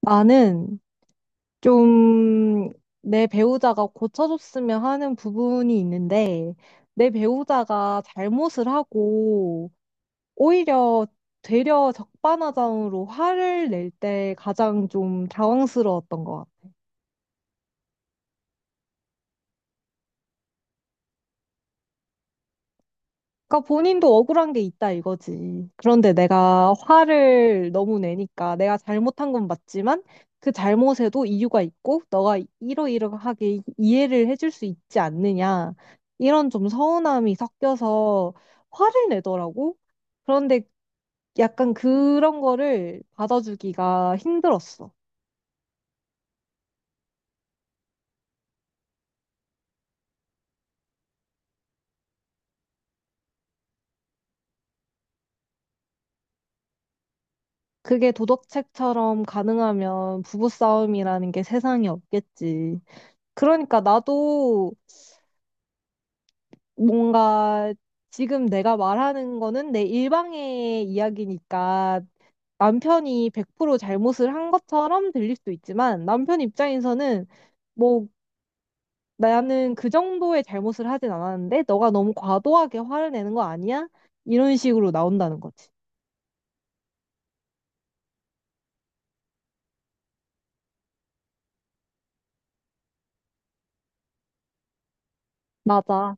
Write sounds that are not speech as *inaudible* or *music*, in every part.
나는 좀 내 배우자가 고쳐줬으면 하는 부분이 있는데, 내 배우자가 잘못을 하고, 오히려 되려 적반하장으로 화를 낼 때 가장 좀 당황스러웠던 것 같아. 그러니까 본인도 억울한 게 있다 이거지. 그런데 내가 화를 너무 내니까 내가 잘못한 건 맞지만 그 잘못에도 이유가 있고 너가 이러이러하게 이해를 해줄 수 있지 않느냐. 이런 좀 서운함이 섞여서 화를 내더라고. 그런데 약간 그런 거를 받아주기가 힘들었어. 그게 도덕책처럼 가능하면 부부싸움이라는 게 세상에 없겠지. 그러니까 나도 뭔가 지금 내가 말하는 거는 내 일방의 이야기니까 남편이 100% 잘못을 한 것처럼 들릴 수도 있지만 남편 입장에서는 뭐 나는 그 정도의 잘못을 하진 않았는데 너가 너무 과도하게 화를 내는 거 아니야? 이런 식으로 나온다는 거지. 맞아.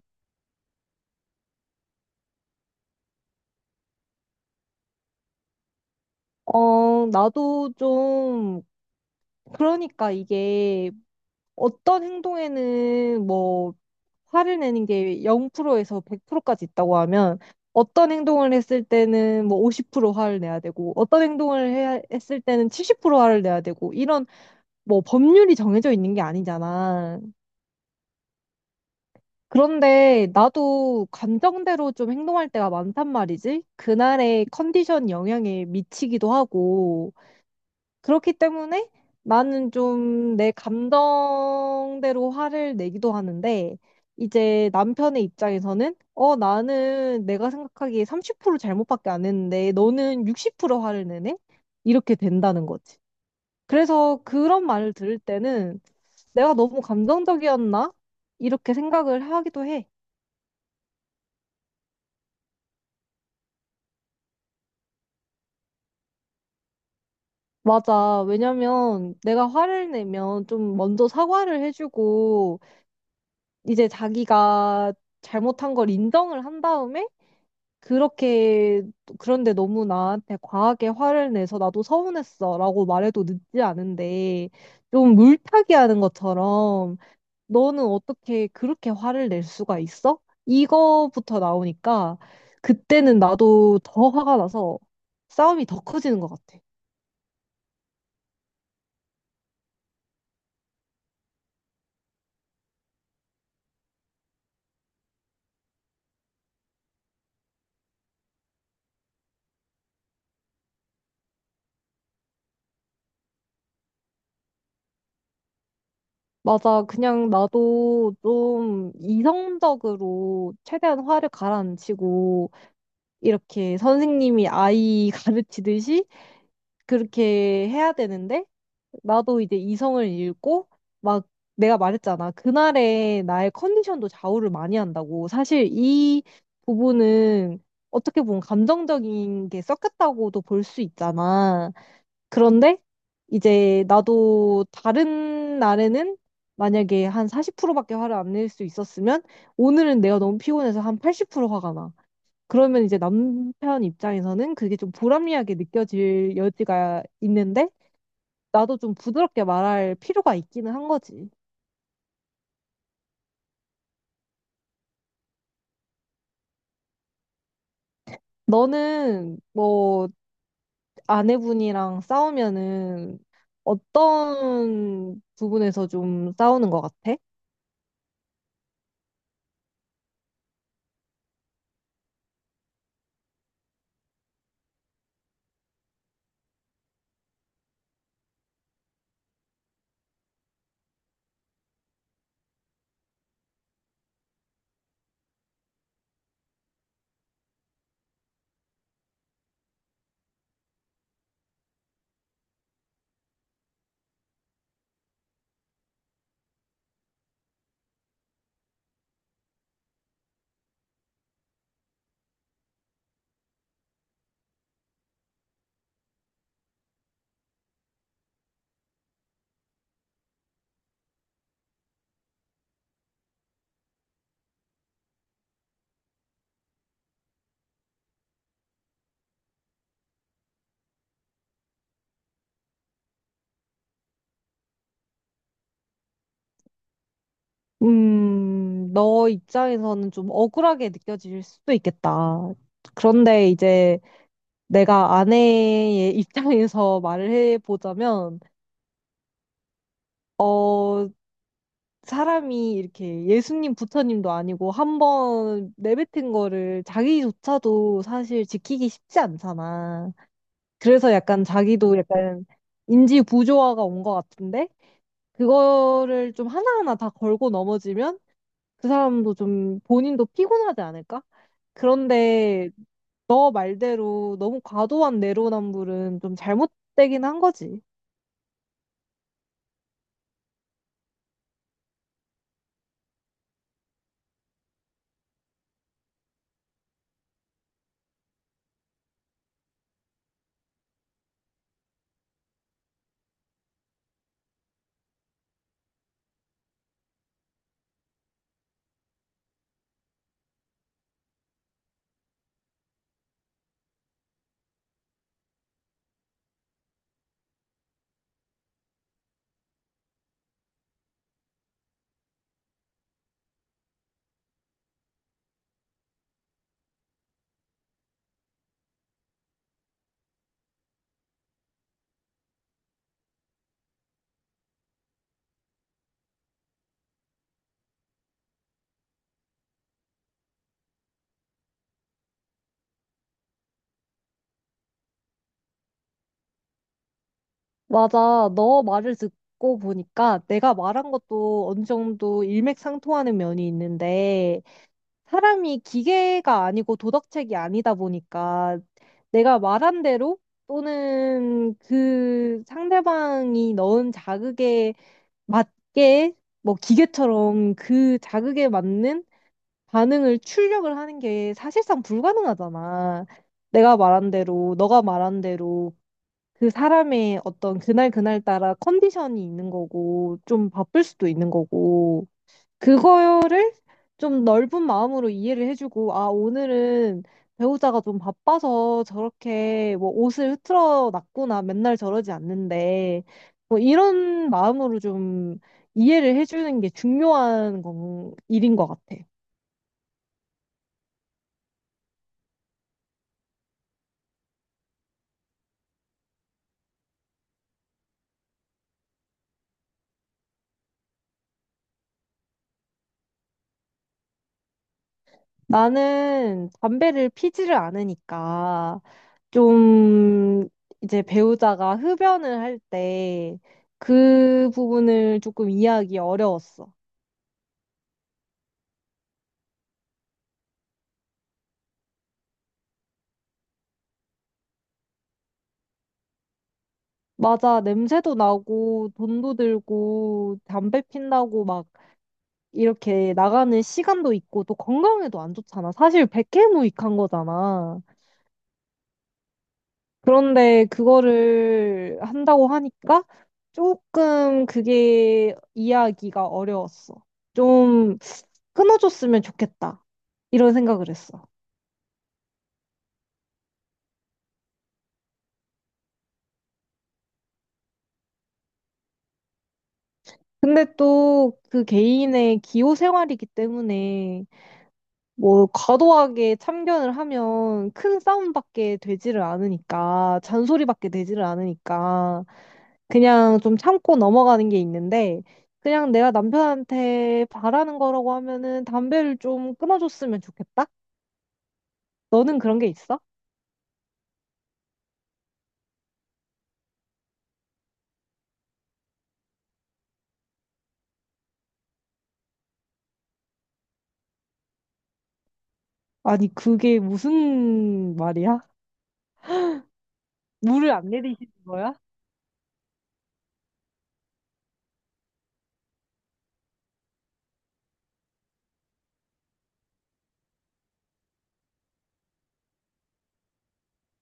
어, 나도 좀, 그러니까 이게 어떤 행동에는 뭐 화를 내는 게 0%에서 100%까지 있다고 하면 어떤 행동을 했을 때는 뭐 50% 화를 내야 되고 어떤 행동을 해야, 했을 때는 70% 화를 내야 되고 이런 뭐 법률이 정해져 있는 게 아니잖아. 그런데 나도 감정대로 좀 행동할 때가 많단 말이지. 그날의 컨디션 영향에 미치기도 하고 그렇기 때문에 나는 좀 내 감정대로 화를 내기도 하는데, 이제 남편의 입장에서는, 어, 나는 내가 생각하기에 30% 잘못밖에 안 했는데, 너는 60% 화를 내네? 이렇게 된다는 거지. 그래서 그런 말을 들을 때는, 내가 너무 감정적이었나? 이렇게 생각을 하기도 해. 맞아. 왜냐면 내가 화를 내면 좀 먼저 사과를 해주고, 이제 자기가 잘못한 걸 인정을 한 다음에 그렇게 그런데 너무 나한테 과하게 화를 내서 나도 서운했어라고 말해도 늦지 않은데 좀 물타기 하는 것처럼 너는 어떻게 그렇게 화를 낼 수가 있어? 이거부터 나오니까 그때는 나도 더 화가 나서 싸움이 더 커지는 것 같아. 맞아. 그냥 나도 좀 이성적으로 최대한 화를 가라앉히고 이렇게 선생님이 아이 *laughs* 가르치듯이 그렇게 해야 되는데, 나도 이제 이성을 잃고, 막 내가 말했잖아. 그날의 나의 컨디션도 좌우를 많이 한다고. 사실 이 부분은 어떻게 보면 감정적인 게 섞였다고도 볼 수 있잖아. 그런데 이제 나도 다른 날에는 만약에 한 40%밖에 화를 안 낼 수 있었으면, 오늘은 내가 너무 피곤해서 한 80% 화가 나. 그러면 이제 남편 입장에서는 그게 좀 불합리하게 느껴질 여지가 있는데, 나도 좀 부드럽게 말할 필요가 있기는 한 거지. 너는 뭐 아내분이랑 싸우면은 어떤 부분에서 좀 싸우는 것 같아? 너 입장에서는 좀 억울하게 느껴질 수도 있겠다. 그런데 이제 내가 아내의 *laughs* 입장에서 말을 해보자면, 어, 사람이 이렇게 예수님, 부처님도 아니고 한번 내뱉은 거를 자기조차도 사실 지키기 쉽지 않잖아. 그래서 약간 자기도 약간 인지 부조화가 온 것 같은데 그거를 좀 하나하나 다 걸고 넘어지면 그 사람도 좀 본인도 피곤하지 않을까? 그런데 너 말대로 너무 과도한 내로남불은 좀 잘못되긴 한 거지. 맞아. 너 말을 듣고 보니까 내가 말한 것도 어느 정도 일맥상통하는 면이 있는데 사람이 기계가 아니고 도덕책이 아니다 보니까 내가 말한 대로 또는 그 상대방이 넣은 자극에 맞게 뭐 기계처럼 그 자극에 맞는 반응을 출력을 하는 게 사실상 불가능하잖아. 내가 말한 대로, 너가 말한 대로 그 사람의 어떤 그날 그날 따라 컨디션이 있는 거고, 좀 바쁠 수도 있는 거고, 그거를 좀 넓은 마음으로 이해를 해주고, 아, 오늘은 배우자가 좀 바빠서 저렇게 뭐 옷을 흐트러 놨구나, 맨날 저러지 않는데, 뭐 이런 마음으로 좀 이해를 해주는 게 중요한 건, 일인 것 같아. 나는 담배를 피지를 않으니까 좀 이제 배우자가 흡연을 할 때 그 부분을 조금 이해하기 어려웠어. 맞아, 냄새도 나고 돈도 들고 담배 핀다고 막 이렇게 나가는 시간도 있고 또 건강에도 안 좋잖아. 사실 백해무익한 거잖아. 그런데 그거를 한다고 하니까 조금 그게 이해하기가 어려웠어. 좀 끊어줬으면 좋겠다. 이런 생각을 했어. 근데 또 그 개인의 기호 생활이기 때문에 뭐 과도하게 참견을 하면 큰 싸움밖에 되지를 않으니까 잔소리밖에 되지를 않으니까 그냥 좀 참고 넘어가는 게 있는데 그냥 내가 남편한테 바라는 거라고 하면은 담배를 좀 끊어줬으면 좋겠다? 너는 그런 게 있어? 아니 그게 무슨 말이야? 물을 안 내리시는 거야?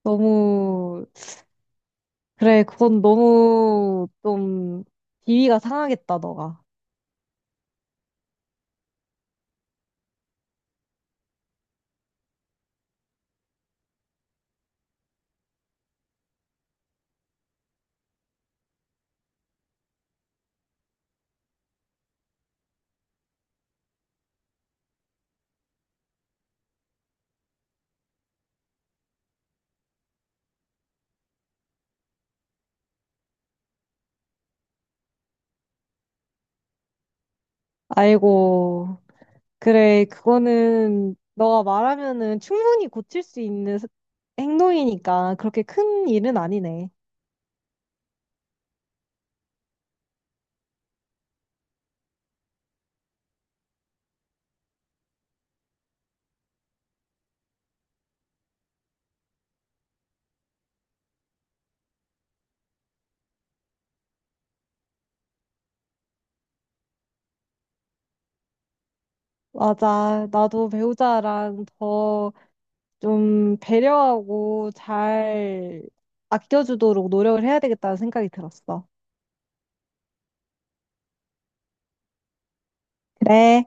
너무 그래 그건 너무 좀 비위가 상하겠다 너가 아이고 그래, 그거는 너가 말하면은 충분히 고칠 수 있는 행동이니까 그렇게 큰 일은 아니네. 맞아. 나도 배우자랑 더 좀 배려하고 잘 아껴주도록 노력을 해야 되겠다는 생각이 들었어. 그래.